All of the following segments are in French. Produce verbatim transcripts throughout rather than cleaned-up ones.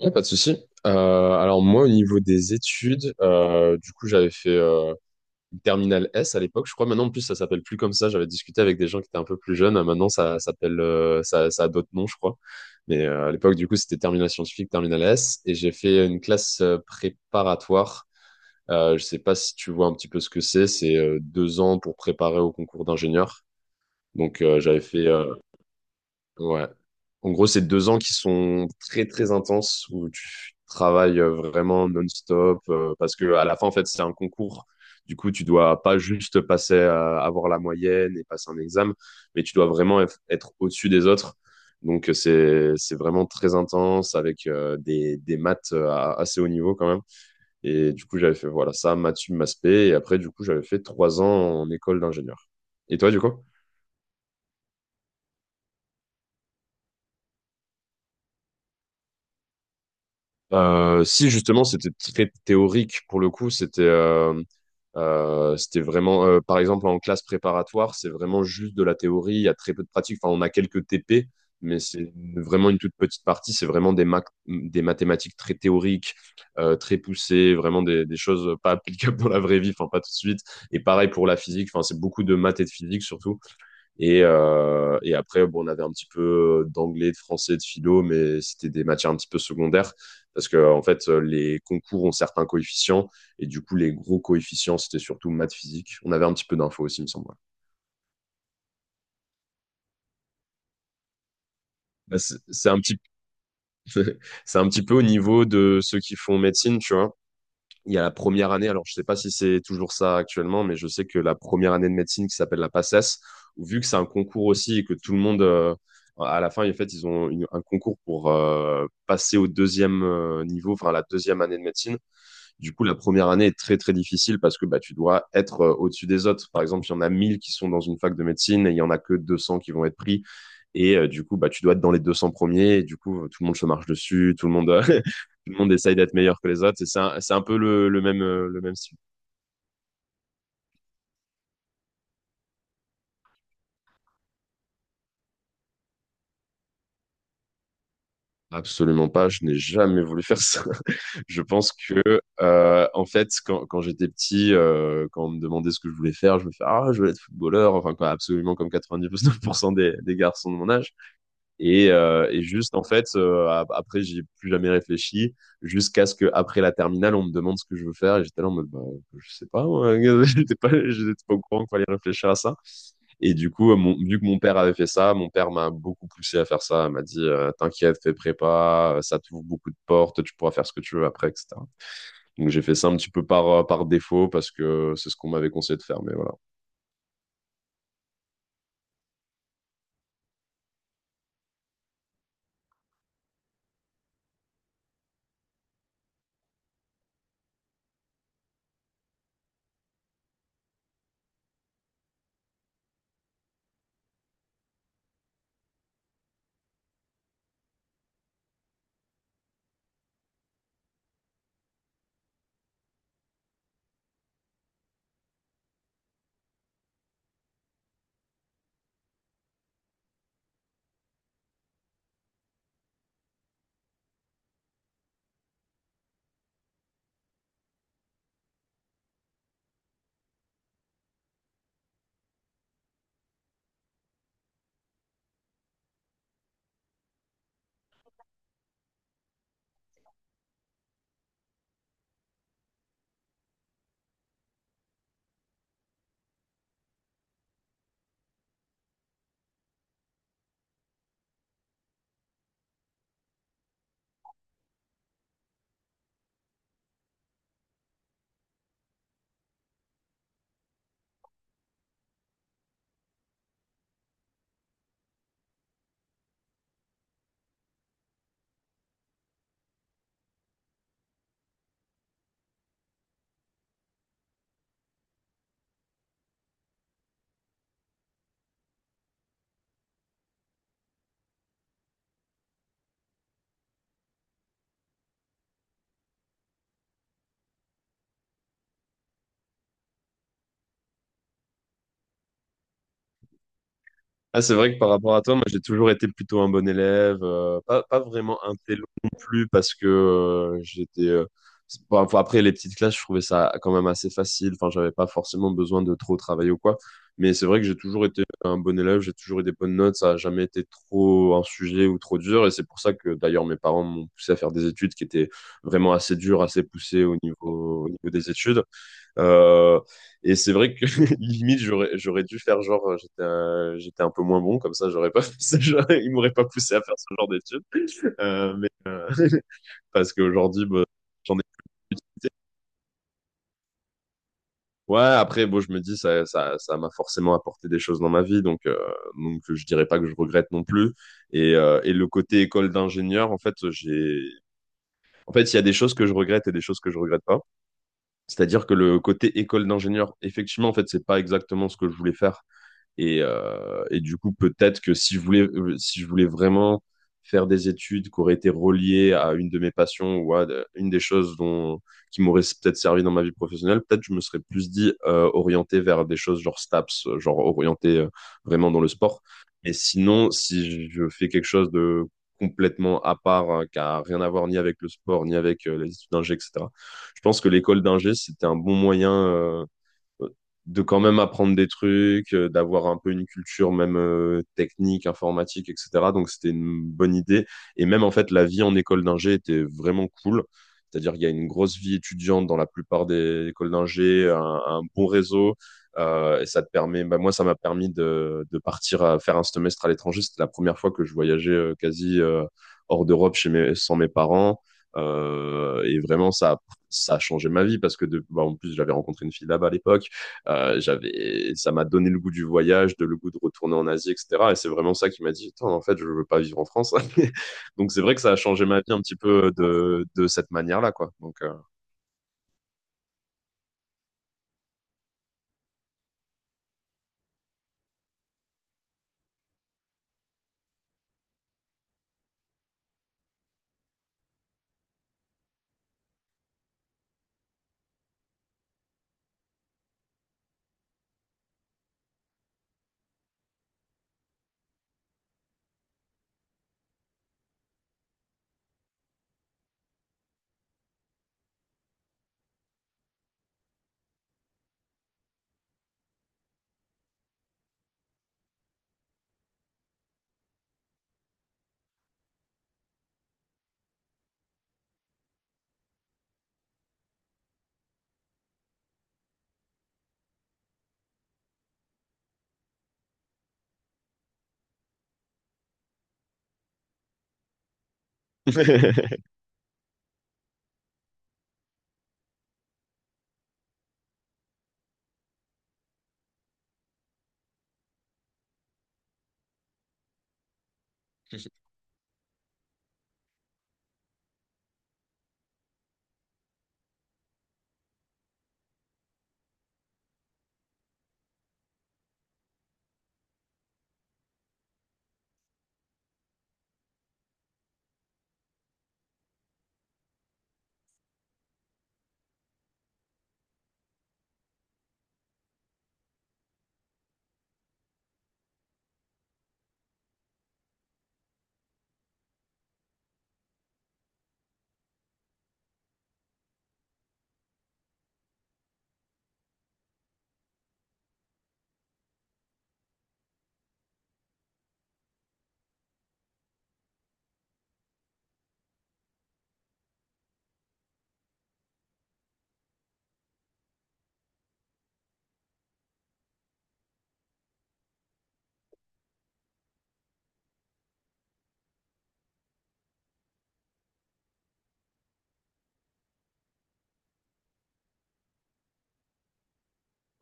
Ouais, pas de souci. Euh, alors moi, au niveau des études, euh, du coup, j'avais fait euh, une terminale S à l'époque, je crois. Maintenant, en plus, ça s'appelle plus comme ça. J'avais discuté avec des gens qui étaient un peu plus jeunes. Euh, Maintenant, ça s'appelle, euh, ça, ça a d'autres noms, je crois. Mais euh, à l'époque, du coup, c'était terminale scientifique, terminale S, et j'ai fait une classe euh, préparatoire. Euh, je sais pas si tu vois un petit peu ce que c'est. C'est euh, deux ans pour préparer au concours d'ingénieur. Donc, euh, j'avais fait euh, Ouais. En gros, c'est deux ans qui sont très très intenses où tu travailles euh, vraiment non-stop euh, parce que à la fin, en fait, c'est un concours. Du coup, tu dois pas juste passer à avoir la moyenne et passer un examen, mais tu dois vraiment eff- être au-dessus des autres. Donc, euh, c'est c'est vraiment très intense avec euh, des, des maths euh, à- assez haut niveau quand même. Et du coup, j'avais fait voilà ça, maths sup, maths spé. Et après, du coup, j'avais fait trois ans en école d'ingénieur. Et toi, du coup? Euh, si justement c'était très théorique pour le coup, c'était euh, euh, c'était vraiment euh, par exemple en classe préparatoire, c'est vraiment juste de la théorie, il y a très peu de pratique. Enfin, on a quelques T P, mais c'est vraiment une toute petite partie. C'est vraiment des mac- des mathématiques très théoriques, euh, très poussées, vraiment des, des choses pas applicables dans la vraie vie, enfin pas tout de suite. Et pareil pour la physique, enfin c'est beaucoup de maths et de physique surtout. Et, euh, et après, bon, on avait un petit peu euh, d'anglais, de français, de philo, mais c'était des matières un petit peu secondaires parce que en fait, euh, les concours ont certains coefficients et du coup, les gros coefficients, c'était surtout maths, physique. On avait un petit peu d'infos aussi, il me semble. Ouais. Bah, c'est c'est un petit, c'est un petit peu au niveau de ceux qui font médecine, tu vois. Il y a la première année, alors je sais pas si c'est toujours ça actuellement, mais je sais que la première année de médecine qui s'appelle la PACES, où vu que c'est un concours aussi et que tout le monde, euh, à la fin, en fait, ils ont une- un concours pour euh, passer au deuxième euh, niveau, enfin à la deuxième année de médecine, du coup, la première année est très, très difficile parce que bah, tu dois être euh, au-dessus des autres. Par exemple, il y en a mille qui sont dans une fac de médecine et il y en a que deux cents qui vont être pris. Et euh, du coup, bah, tu dois être dans les deux cents premiers. Et du coup, euh, tout le monde se marche dessus, tout le monde, euh, tout le monde essaye d'être meilleur que les autres. Et C'est un, c'est un peu le, le même, euh, le même style. Absolument pas, je n'ai jamais voulu faire ça. Je pense que, euh, en fait, quand, quand j'étais petit, euh, quand on me demandait ce que je voulais faire, je me fais ah, je veux être footballeur, enfin, quoi, absolument comme quatre-vingt-dix-neuf pour cent des, des garçons de mon âge. Et, euh, et juste, en fait, euh, après, j'ai plus jamais réfléchi jusqu'à ce qu'après la terminale, on me demande ce que je veux faire. Et j'étais là en mode, bah, je sais pas, moi. j'étais pas, j'étais pas au courant qu'il fallait réfléchir à ça. Et du coup, euh, mon, vu que mon père avait fait ça, mon père m'a beaucoup poussé à faire ça. Il m'a dit, euh, t'inquiète, fais prépa, euh, ça t'ouvre beaucoup de portes, tu pourras faire ce que tu veux après, et cetera. Donc j'ai fait ça un petit peu par, euh, par défaut parce que c'est ce qu'on m'avait conseillé de faire. Mais voilà. Ah, c'est vrai que par rapport à toi, moi j'ai toujours été plutôt un bon élève, euh, pas, pas vraiment un télo non plus parce que euh, j'étais... euh, c'est- bon, enfin, après les petites classes, je trouvais ça quand même assez facile, enfin j'avais pas forcément besoin de trop travailler ou quoi, mais c'est vrai que j'ai toujours été un bon élève, j'ai toujours eu des bonnes notes, ça a jamais été trop un sujet ou trop dur et c'est pour ça que d'ailleurs mes parents m'ont poussé à faire des études qui étaient vraiment assez dures, assez poussées au niveau, au niveau des études. Euh, et c'est vrai que limite j'aurais j'aurais dû faire genre euh, j'étais un, j'étais un peu moins bon comme ça j'aurais pas fait ça, j'aurais- il m'aurait pas poussé à faire ce genre d'études euh, mais euh, parce qu'aujourd'hui bah, j'en ai plus. Ouais, après bon je me dis ça ça ça m'a forcément apporté des choses dans ma vie donc euh, donc je dirais pas que je regrette non plus et euh, et le côté école d'ingénieur en fait j'ai En fait, il y a des choses que je regrette et des choses que je regrette pas. C'est-à-dire que le côté école d'ingénieur, effectivement, en fait, c'est pas exactement ce que je voulais faire. Et, euh, et du coup, peut-être que si je voulais, euh, si je voulais vraiment faire des études qui auraient été reliées à une de mes passions ou à de- une des choses dont, qui m'auraient peut-être servi dans ma vie professionnelle, peut-être je me serais plus dit euh, orienté vers des choses genre STAPS, euh, genre orienté euh, vraiment dans le sport. Mais sinon, si je fais quelque chose de complètement à part, hein, qui a rien à voir ni avec le sport, ni avec euh, les études d'ingé, et cetera, je pense que l'école d'ingé, c'était un bon moyen. Euh, de quand même apprendre des trucs, euh, d'avoir un peu une culture même euh, technique, informatique, et cetera. Donc c'était une bonne idée. Et même en fait, la vie en école d'ingé était vraiment cool. C'est-à-dire qu'il y a une grosse vie étudiante dans la plupart des écoles d'ingé, un, un bon réseau. Euh, et ça te permet, bah, moi, ça m'a permis de, de partir à faire un semestre à l'étranger. C'était la première fois que je voyageais euh, quasi euh, hors d'Europe chez mes, sans mes parents. Euh, et vraiment, ça, ça a changé ma vie parce que de, bah, en plus, j'avais rencontré une fille là-bas à l'époque. Euh, j'avais, ça m'a donné le goût du voyage, de le goût de retourner en Asie, et cetera. Et c'est vraiment ça qui m'a dit, attends, en fait, je veux pas vivre en France. Donc c'est vrai que ça a changé ma vie un petit peu euh, de, de cette manière-là, quoi. Donc euh,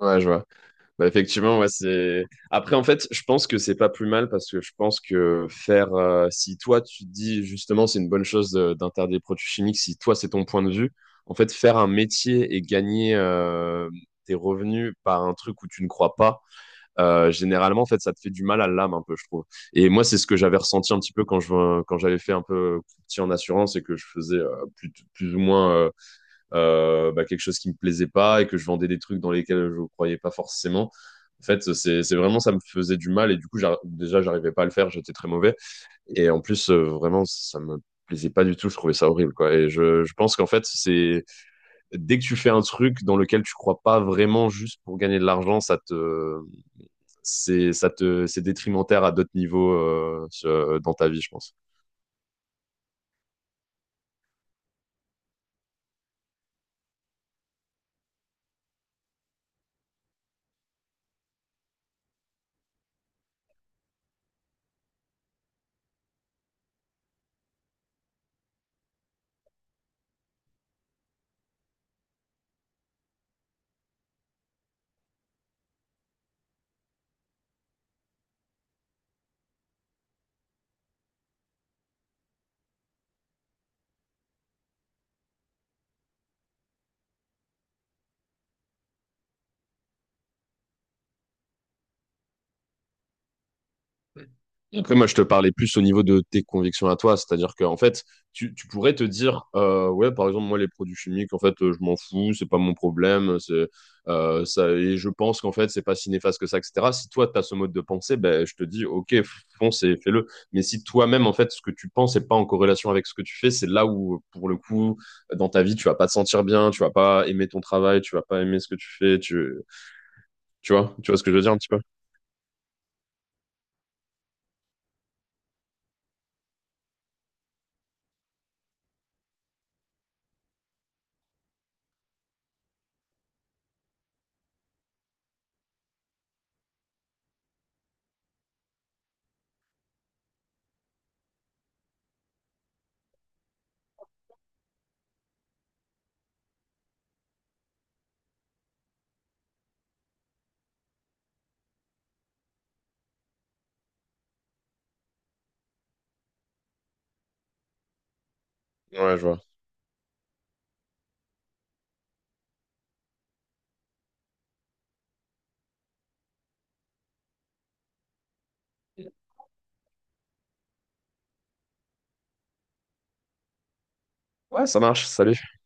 Ouais, je vois. Bah, effectivement, ouais, c'est. Après, en fait, je pense que c'est pas plus mal parce que je pense que faire, euh, si toi tu te dis justement, c'est une bonne chose de- d'interdire les produits chimiques, si toi c'est ton point de vue, en fait, faire un métier et gagner euh, tes revenus par un truc où tu ne crois pas euh, généralement, en fait, ça te fait du mal à l'âme un peu, je trouve. Et moi, c'est ce que j'avais ressenti un petit peu quand je quand j'avais fait un peu euh, petit en assurance et que je faisais euh, plus, plus ou moins euh, euh, bah, quelque chose qui me plaisait pas et que je vendais des trucs dans lesquels je croyais pas forcément. En fait, c'est c'est vraiment ça me faisait du mal et du coup, j'ar- déjà, j'arrivais pas à le faire, j'étais très mauvais. Et en plus, euh, vraiment, ça me plaisait pas du tout, je trouvais ça horrible, quoi. Et je, je pense qu'en fait, c'est dès que tu fais un truc dans lequel tu crois pas vraiment juste pour gagner de l'argent, ça te, c'est, ça te, c'est détrimentaire à d'autres niveaux euh, sur- dans ta vie, je pense. Et après, moi, je te parlais plus au niveau de tes convictions à toi, c'est-à-dire qu'en fait, tu, tu pourrais te dire, euh, ouais, par exemple, moi, les produits chimiques, en fait, euh, je m'en fous, c'est pas mon problème, c'est euh, ça, et je pense qu'en fait, c'est pas si néfaste que ça, et cetera. Si toi, tu as ce mode de pensée, ben, je te dis, ok, fonce et fais-le. Mais si toi-même, en fait, ce que tu penses n'est pas en corrélation avec ce que tu fais, c'est là où, pour le coup, dans ta vie, tu vas pas te sentir bien, tu vas pas aimer ton travail, tu vas pas aimer ce que tu fais, tu, tu vois, tu vois ce que je veux dire un petit peu? Ouais, je vois. Ouais, ça marche, salut.